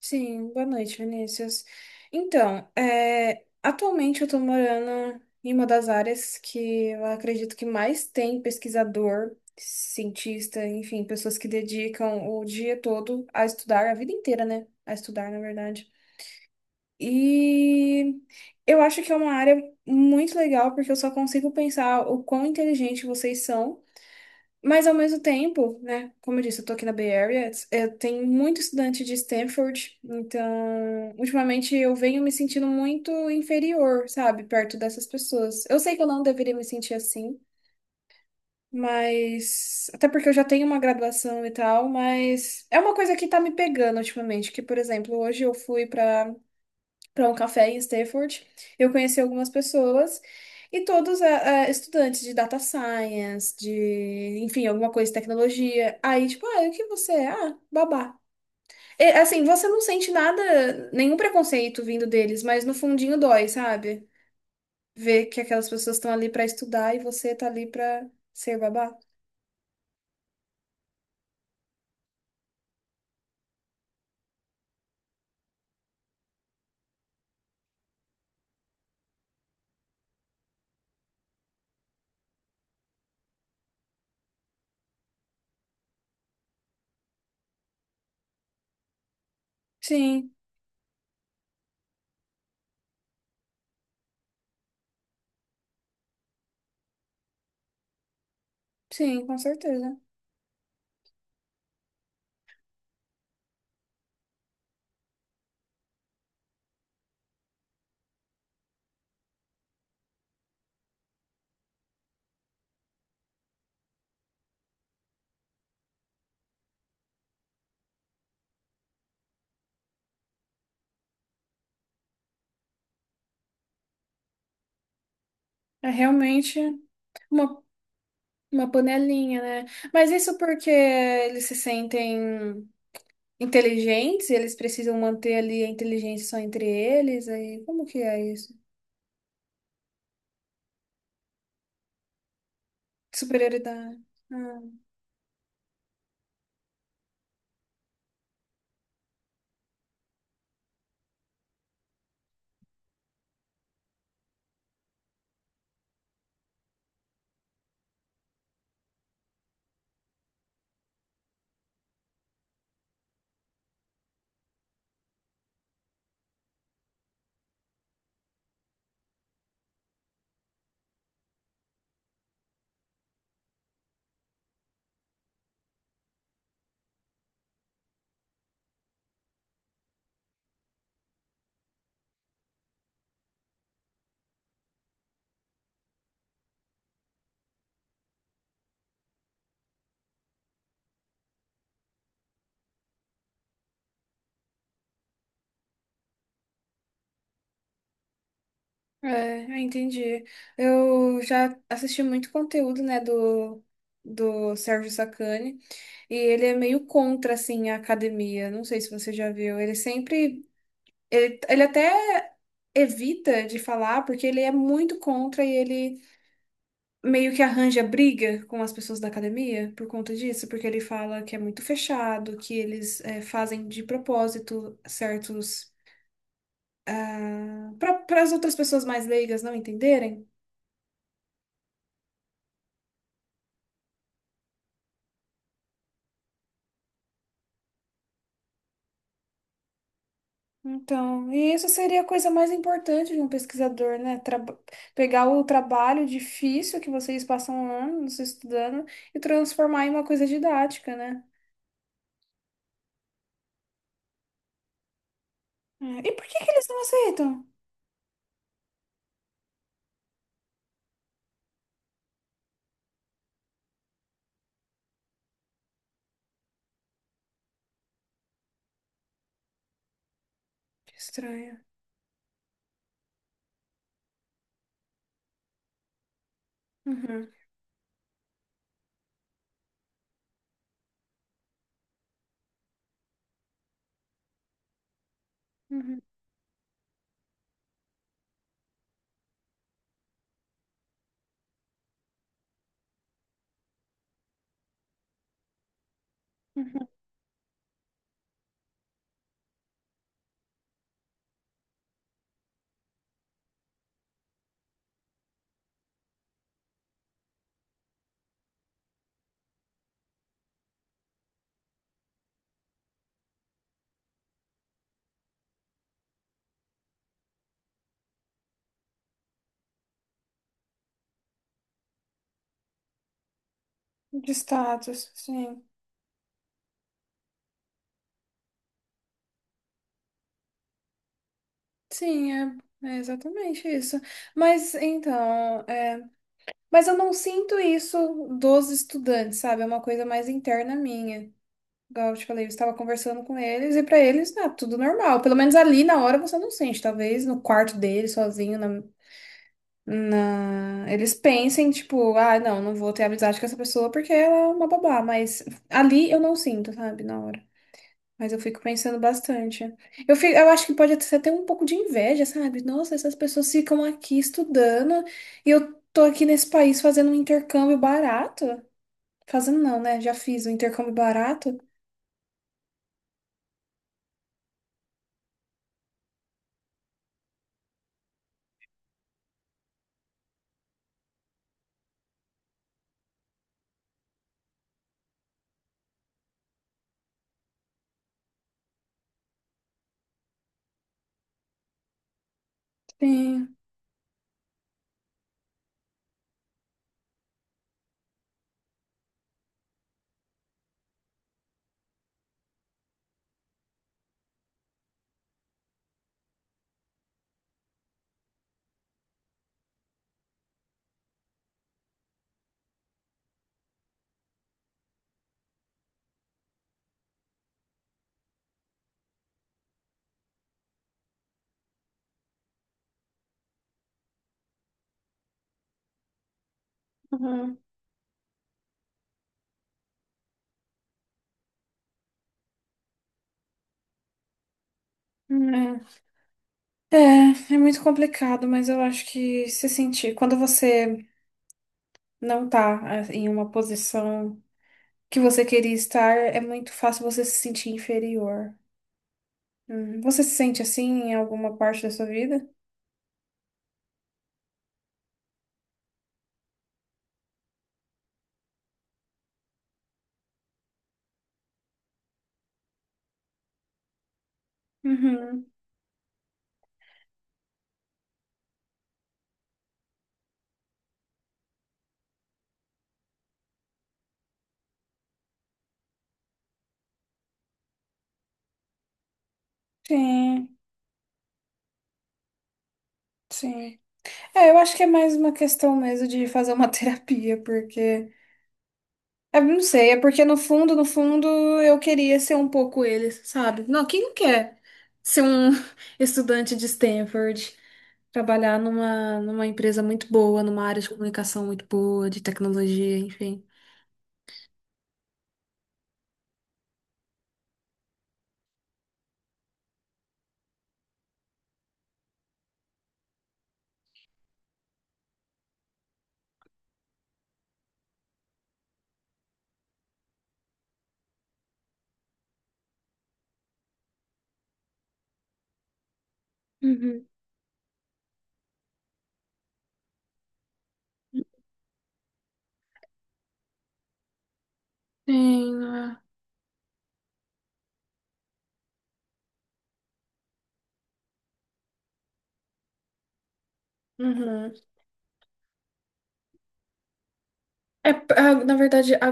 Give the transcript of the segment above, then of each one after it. Sim, boa noite, Vinícius. Atualmente eu estou morando em uma das áreas que eu acredito que mais tem pesquisador, cientista, enfim, pessoas que dedicam o dia todo a estudar, a vida inteira, né? A estudar, na verdade. E eu acho que é uma área muito legal, porque eu só consigo pensar o quão inteligente vocês são. Mas ao mesmo tempo, né? Como eu disse, eu tô aqui na Bay Area, eu tenho muito estudante de Stanford, então ultimamente eu venho me sentindo muito inferior, sabe, perto dessas pessoas. Eu sei que eu não deveria me sentir assim, mas até porque eu já tenho uma graduação e tal, mas é uma coisa que tá me pegando ultimamente, que por exemplo, hoje eu fui para um café em Stanford. Eu conheci algumas pessoas e todos estudantes de data science, de, enfim, alguma coisa de tecnologia. Aí, tipo, ah, e o que você é? Ah, babá. E, assim, você não sente nada, nenhum preconceito vindo deles, mas no fundinho dói, sabe? Ver que aquelas pessoas estão ali para estudar e você tá ali para ser babá. Sim, sim, com certeza. É realmente uma, uma panelinha, né? Mas isso porque eles se sentem inteligentes, e eles precisam manter ali a inteligência só entre eles, aí como que é isso? Superioridade. Ah, é, eu entendi. Eu já assisti muito conteúdo, né, do, do Sérgio Sacani, e ele é meio contra, assim, a academia. Não sei se você já viu. Ele sempre... Ele até evita de falar, porque ele é muito contra e ele meio que arranja briga com as pessoas da academia por conta disso, porque ele fala que é muito fechado, que eles é, fazem de propósito certos para as outras pessoas mais leigas não entenderem. Então, e isso seria a coisa mais importante de um pesquisador, né? Pegar o trabalho difícil que vocês passam anos estudando e transformar em uma coisa didática, né? É, e por que que eles não aceitam? Que estranho. Uhum, uhum, uhum. De status, sim. Sim, é, é exatamente isso. Mas então, é, mas eu não sinto isso dos estudantes, sabe? É uma coisa mais interna minha. Igual eu te falei, eu estava conversando com eles e para eles tá tudo normal. Pelo menos ali na hora você não sente. Talvez no quarto deles, sozinho, na, na... eles pensem, tipo, ah, não, não vou ter amizade com essa pessoa porque ela é uma babá. Mas ali eu não sinto, sabe? Na hora. Mas eu fico pensando bastante. Eu, fico, eu acho que pode ser até ter um pouco de inveja, sabe? Nossa, essas pessoas ficam aqui estudando e eu tô aqui nesse país fazendo um intercâmbio barato. Fazendo não, né? Já fiz um intercâmbio barato. Sim. Uhum. É. É, é muito complicado, mas eu acho que se sentir, quando você não tá ah, em uma posição que você queria estar, é muito fácil você se sentir inferior. Uhum. Você se sente assim em alguma parte da sua vida? Uhum. Sim, sim. É, eu acho que é mais uma questão mesmo de fazer uma terapia, porque. Eu não sei, é porque no fundo, no fundo, eu queria ser um pouco eles, sabe? Não, quem não quer ser um estudante de Stanford, trabalhar numa, numa empresa muito boa, numa área de comunicação muito boa, de tecnologia, enfim. Uhum. Sim, não é. Uhum. É, ah, na verdade,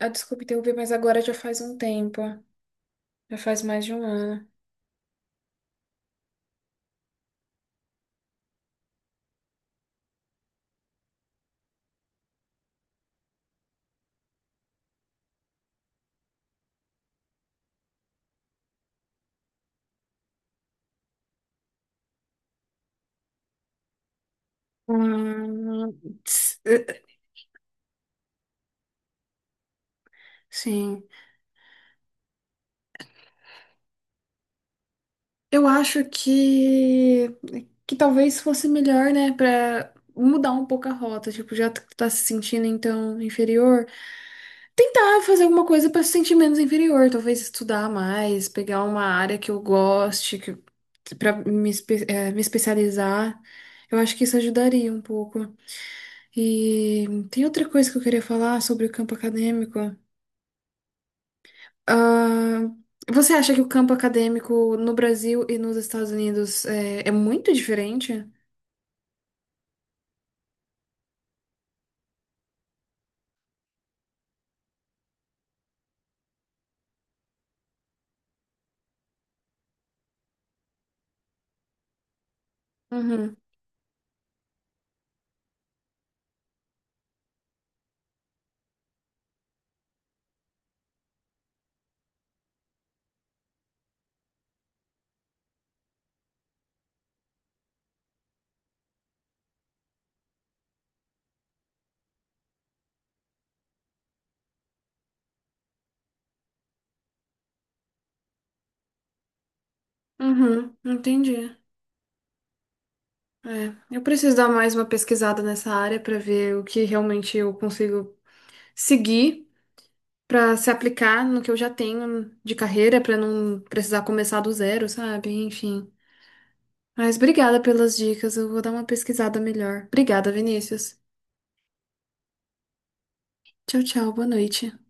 a, desculpa interromper, mas agora já faz um tempo. Já faz mais de um ano. Hum, ts- eh, eh, Sim. Eu acho que talvez fosse melhor, né, pra mudar um pouco a rota, tipo, já tá se sentindo então inferior, tentar fazer alguma coisa pra se sentir menos inferior, talvez estudar mais, pegar uma área que eu goste, que para me, me especializar. Eu acho que isso ajudaria um pouco. E tem outra coisa que eu queria falar sobre o campo acadêmico. Ah, você acha que o campo acadêmico no Brasil e nos Estados Unidos é, é muito diferente? Uhum, uhum, entendi. É, eu preciso dar mais uma pesquisada nessa área para ver o que realmente eu consigo seguir para se aplicar no que eu já tenho de carreira, para não precisar começar do zero, sabe? Enfim. Mas obrigada pelas dicas, eu vou dar uma pesquisada melhor. Obrigada, Vinícius. Tchau, tchau, boa noite.